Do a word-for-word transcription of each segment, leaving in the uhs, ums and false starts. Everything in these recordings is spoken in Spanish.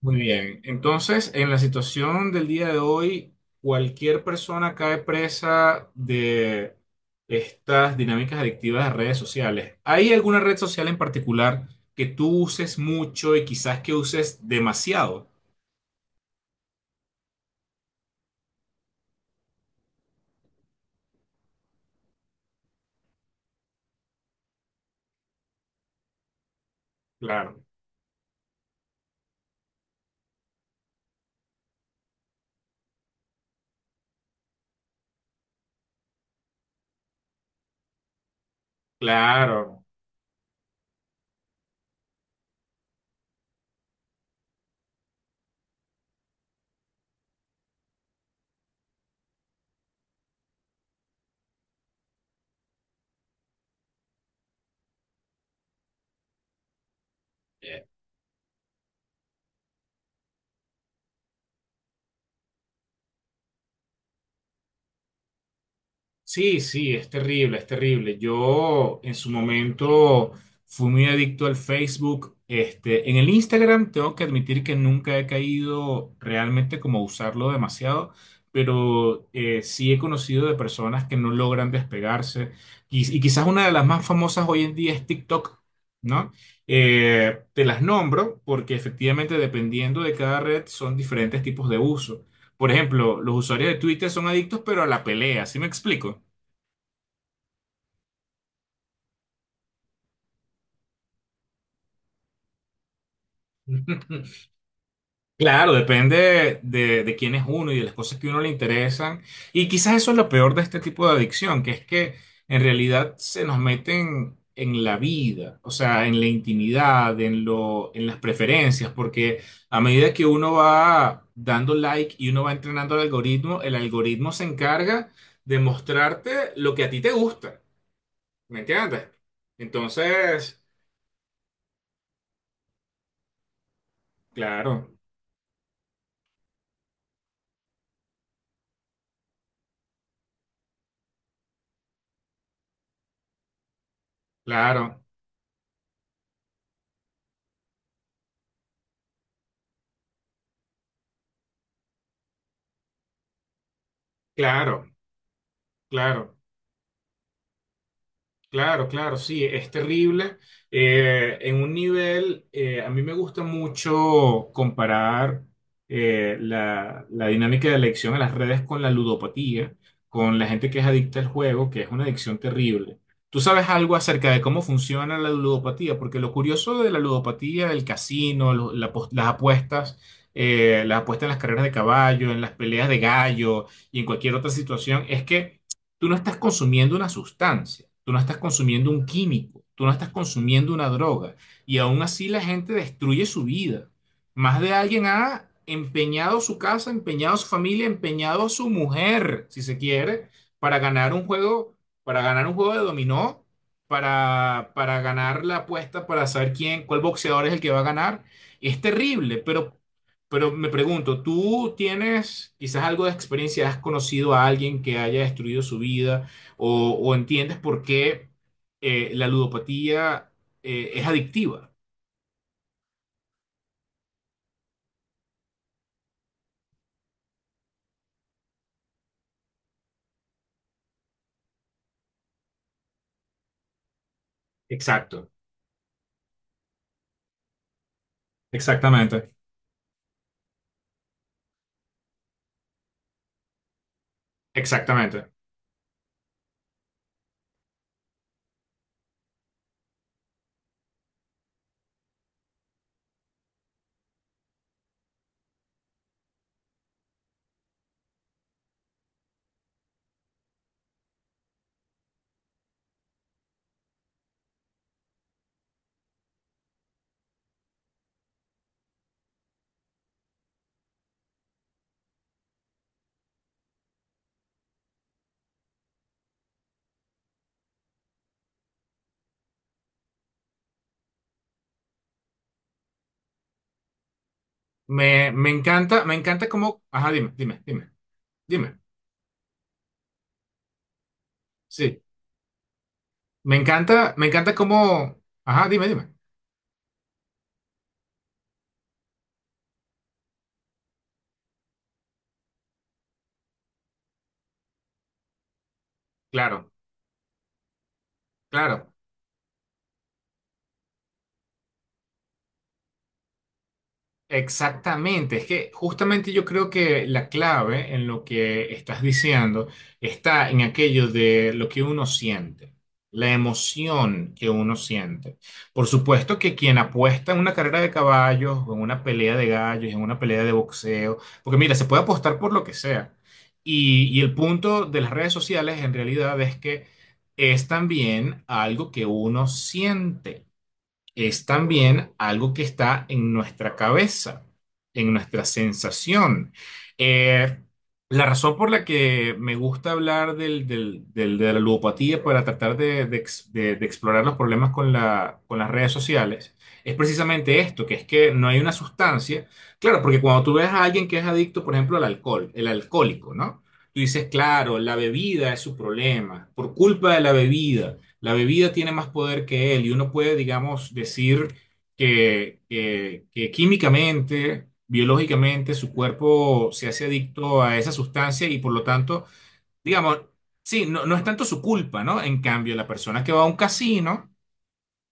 Muy bien. Entonces, en la situación del día de hoy, cualquier persona cae presa de estas dinámicas adictivas de redes sociales. ¿Hay alguna red social en particular que tú uses mucho y quizás que uses demasiado? Claro, claro. Sí, sí, es terrible, es terrible. Yo en su momento fui muy adicto al Facebook. Este, en el Instagram tengo que admitir que nunca he caído realmente como a usarlo demasiado, pero eh, sí he conocido de personas que no logran despegarse. Y, y quizás una de las más famosas hoy en día es TikTok, ¿no? Eh, te las nombro porque efectivamente dependiendo de cada red son diferentes tipos de uso. Por ejemplo, los usuarios de Twitter son adictos, pero a la pelea, ¿sí me explico? Claro, depende de, de quién es uno y de las cosas que a uno le interesan. Y quizás eso es lo peor de este tipo de adicción, que es que en realidad se nos meten en la vida, o sea, en la intimidad, en lo, en las preferencias, porque a medida que uno va dando like y uno va entrenando al algoritmo, el algoritmo se encarga de mostrarte lo que a ti te gusta, ¿me entiendes? Entonces, claro, claro, claro, claro. Claro, claro, sí, es terrible. Eh, en un nivel, eh, a mí me gusta mucho comparar eh, la, la dinámica de adicción a las redes con la ludopatía, con la gente que es adicta al juego, que es una adicción terrible. ¿Tú sabes algo acerca de cómo funciona la ludopatía? Porque lo curioso de la ludopatía, el casino, lo- la pos- las apuestas, eh, las apuestas en las carreras de caballo, en las peleas de gallo y en cualquier otra situación, es que tú no estás consumiendo una sustancia, tú no estás consumiendo un químico, tú no estás consumiendo una droga. Y aún así la gente destruye su vida. Más de alguien ha empeñado su casa, empeñado su familia, empeñado su mujer, si se quiere, para ganar un juego, para ganar un juego de dominó, para, para ganar la apuesta, para saber quién, cuál boxeador es el que va a ganar. Es terrible, pero pero me pregunto, ¿tú tienes quizás algo de experiencia? ¿Has conocido a alguien que haya destruido su vida? ¿O, o entiendes por qué eh, la ludopatía eh, es adictiva? Exacto, exactamente. Exactamente. Me, me encanta, me encanta cómo. Ajá, dime, dime, dime, dime. Sí. Me encanta, me encanta cómo. Ajá, dime, dime. Claro, claro. Exactamente, es que justamente yo creo que la clave en lo que estás diciendo está en aquello de lo que uno siente, la emoción que uno siente. Por supuesto que quien apuesta en una carrera de caballos, o en una pelea de gallos, en una pelea de boxeo, porque mira, se puede apostar por lo que sea. Y, y el punto de las redes sociales en realidad es que es también algo que uno siente es también algo que está en nuestra cabeza, en nuestra sensación. Eh, la razón por la que me gusta hablar del- del- del- de la ludopatía para tratar de, de ex- de- de explorar los problemas con la- con las redes sociales es precisamente esto, que es que no hay una sustancia. Claro, porque cuando tú ves a alguien que es adicto, por ejemplo, al alcohol, el alcohólico, ¿no? Tú dices, claro, la bebida es su problema, por culpa de la bebida. La bebida tiene más poder que él y uno puede, digamos, decir que, que- que químicamente, biológicamente, su cuerpo se hace adicto a esa sustancia y por lo tanto, digamos, sí, no, no es tanto su culpa, ¿no? En cambio, la persona que va a un casino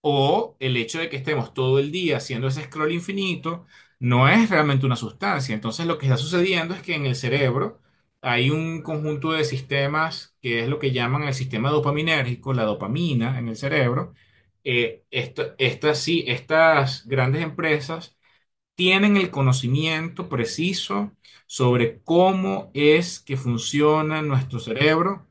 o el hecho de que estemos todo el día haciendo ese scroll infinito no es realmente una sustancia. Entonces lo que está sucediendo es que en el cerebro hay un conjunto de sistemas que es lo que llaman el sistema dopaminérgico, la dopamina en el cerebro. Eh, esto- estas, sí, estas grandes empresas tienen el conocimiento preciso sobre cómo es que funciona nuestro cerebro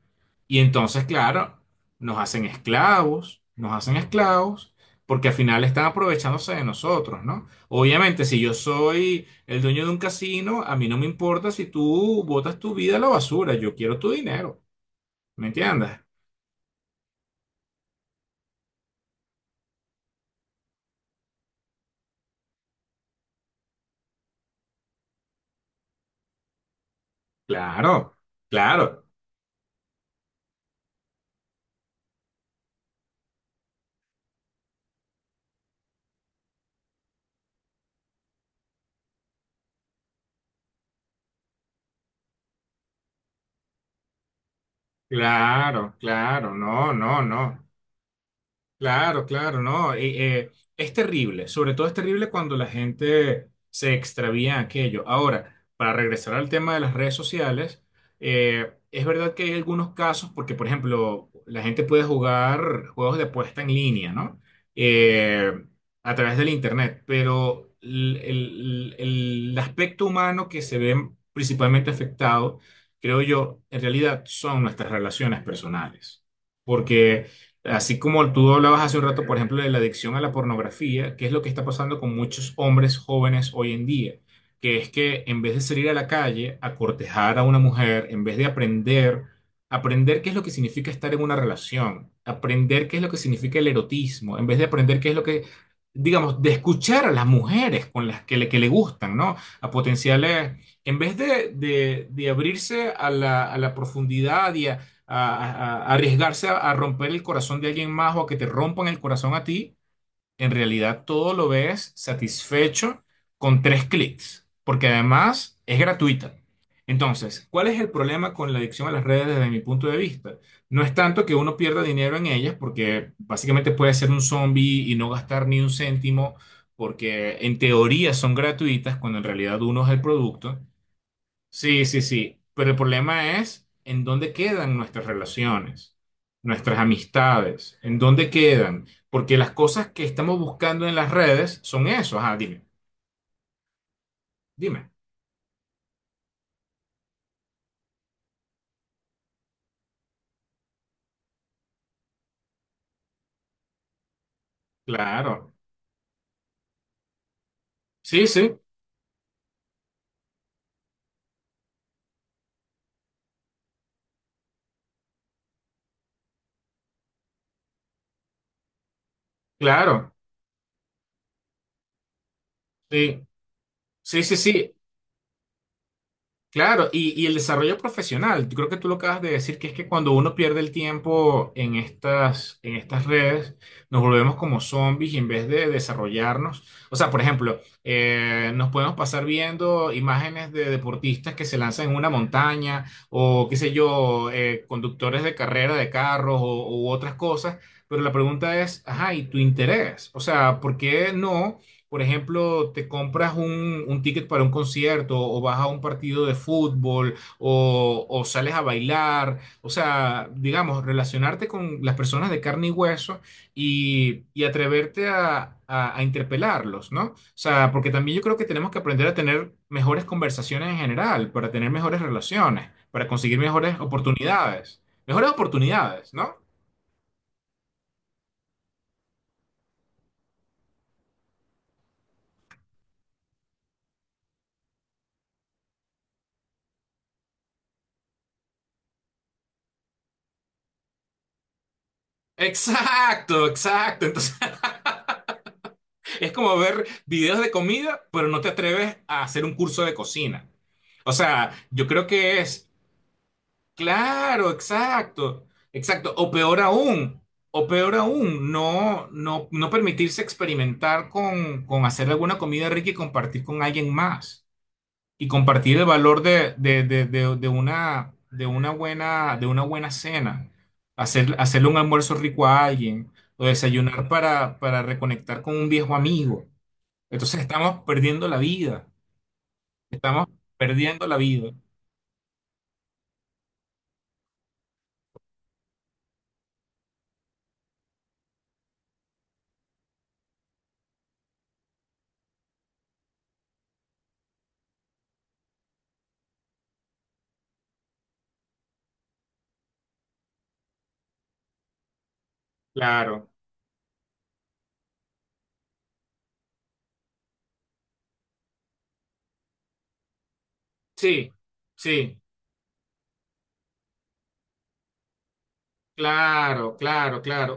y entonces, claro, nos hacen esclavos, nos hacen esclavos porque al final están aprovechándose de nosotros, ¿no? Obviamente, si yo soy el dueño de un casino, a mí no me importa si tú botas tu vida a la basura, yo quiero tu dinero, ¿me entiendes? Claro, claro, claro, claro, no, no, no. Claro, claro, no. Eh, eh, es terrible, sobre todo es terrible cuando la gente se extravía en aquello. Ahora, para regresar al tema de las redes sociales, eh, es verdad que hay algunos casos, porque por ejemplo, la gente puede jugar juegos de apuesta en línea, ¿no? Eh, a través del internet, pero el, el- el- el aspecto humano que se ve principalmente afectado, creo yo, en realidad son nuestras relaciones personales. Porque así como tú hablabas hace un rato, por ejemplo, de la adicción a la pornografía, que es lo que está pasando con muchos hombres jóvenes hoy en día, que es que en vez de salir a la calle a cortejar a una mujer, en vez de aprender, aprender qué es lo que significa estar en una relación, aprender qué es lo que significa el erotismo, en vez de aprender qué es lo que, digamos, de escuchar a las mujeres con las que le, que le gustan, ¿no? A potenciales, en vez de, de- de abrirse a la, a la profundidad y a a, a- a arriesgarse a, a romper el corazón de alguien más o a que te rompan el corazón a ti, en realidad todo lo ves satisfecho con tres clics, porque además es gratuita. Entonces, ¿cuál es el problema con la adicción a las redes desde mi punto de vista? No es tanto que uno pierda dinero en ellas, porque básicamente puede ser un zombie y no gastar ni un céntimo, porque en teoría son gratuitas, cuando en realidad uno es el producto. Sí, sí, sí, pero el problema es en dónde quedan nuestras relaciones, nuestras amistades, en dónde quedan, porque las cosas que estamos buscando en las redes son eso, ajá, dime, dime, claro, sí, sí, claro, sí, sí, sí, sí, claro, y, y el desarrollo profesional. Yo creo que tú lo acabas de decir, que es que cuando uno pierde el tiempo en estas, en estas redes, nos volvemos como zombies y en vez de desarrollarnos, o sea, por ejemplo, eh, nos podemos pasar viendo imágenes de deportistas que se lanzan en una montaña o, qué sé yo, eh, conductores de carrera de carros o, u otras cosas, pero la pregunta es, ajá, ¿y tu interés? O sea, ¿por qué no? Por ejemplo, te compras un, un ticket para un concierto o vas a un partido de fútbol o, o sales a bailar, o sea, digamos, relacionarte con las personas de carne y hueso y, y atreverte a, a- a interpelarlos, ¿no? O sea, porque también yo creo que tenemos que aprender a tener mejores conversaciones en general, para tener mejores relaciones, para conseguir mejores oportunidades, mejores oportunidades, ¿no? Exacto, exacto. Entonces... Es como ver videos de comida, pero no te atreves a hacer un curso de cocina. O sea, yo creo que es, claro, exacto, exacto. O peor aún, o peor aún, no, no, no permitirse experimentar con, con hacer alguna comida rica y compartir con alguien más. Y compartir el valor de, de, de, de, de una, de una buena, de una buena cena. Hacer, hacerle un almuerzo rico a alguien. O desayunar para, para reconectar con un viejo amigo. Entonces estamos perdiendo la vida, estamos perdiendo la vida. Claro, sí, sí, claro, claro, claro.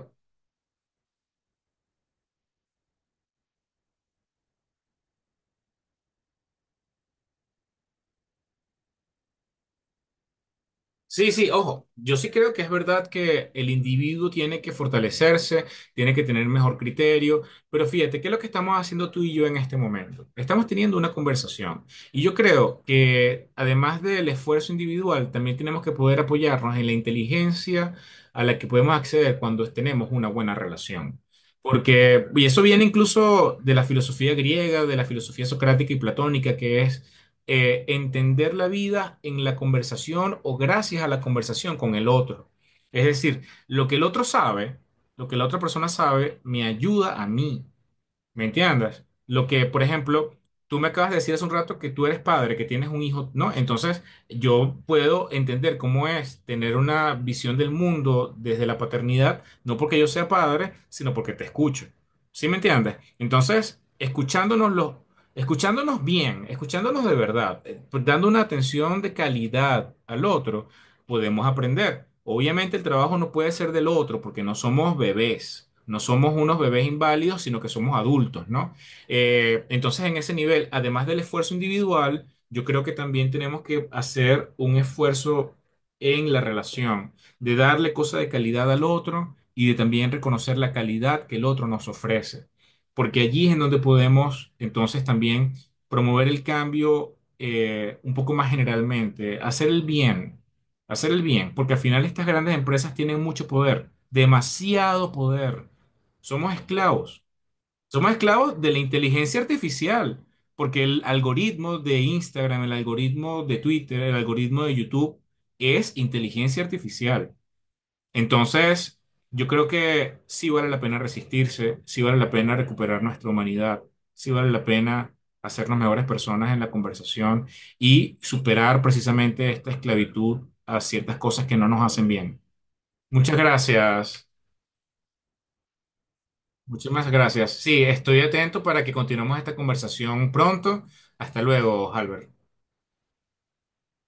Sí, sí, ojo, yo sí creo que es verdad que el individuo tiene que fortalecerse, tiene que tener mejor criterio, pero fíjate, ¿qué es lo que estamos haciendo tú y yo en este momento? Estamos teniendo una conversación y yo creo que además del esfuerzo individual, también tenemos que poder apoyarnos en la inteligencia a la que podemos acceder cuando tenemos una buena relación. Porque, y eso viene incluso de la filosofía griega, de la filosofía socrática y platónica, que es eh, entender la vida en la conversación o gracias a la conversación con el otro. Es decir, lo que el otro sabe, lo que la otra persona sabe, me ayuda a mí. ¿Me entiendes? Lo que, por ejemplo, tú me acabas de decir hace un rato que tú eres padre, que tienes un hijo, ¿no? Entonces, yo puedo entender cómo es tener una visión del mundo desde la paternidad, no porque yo sea padre, sino porque te escucho. ¿Sí me entiendes? Entonces, escuchándonos los- escuchándonos bien, escuchándonos de verdad, eh, pues, dando una atención de calidad al otro podemos aprender. Obviamente el trabajo no puede ser del otro porque no somos bebés, no somos unos bebés inválidos, sino que somos adultos, ¿no? Eh, entonces en ese nivel, además del esfuerzo individual, yo creo que también tenemos que hacer un esfuerzo en la relación, de darle cosa de calidad al otro y de también reconocer la calidad que el otro nos ofrece, porque allí es en donde podemos entonces también promover el cambio eh, un poco más generalmente, hacer el bien. Hacer el bien, porque al final estas grandes empresas tienen mucho poder, demasiado poder. Somos esclavos. Somos esclavos de la inteligencia artificial, porque el algoritmo de Instagram, el algoritmo de Twitter, el algoritmo de YouTube es inteligencia artificial. Entonces, yo creo que sí vale la pena resistirse, sí vale la pena recuperar nuestra humanidad, sí vale la pena hacernos mejores personas en la conversación y superar precisamente esta esclavitud a ciertas cosas que no nos hacen bien. Muchas gracias, muchísimas gracias. Sí, estoy atento para que continuemos esta conversación pronto. Hasta luego, Albert.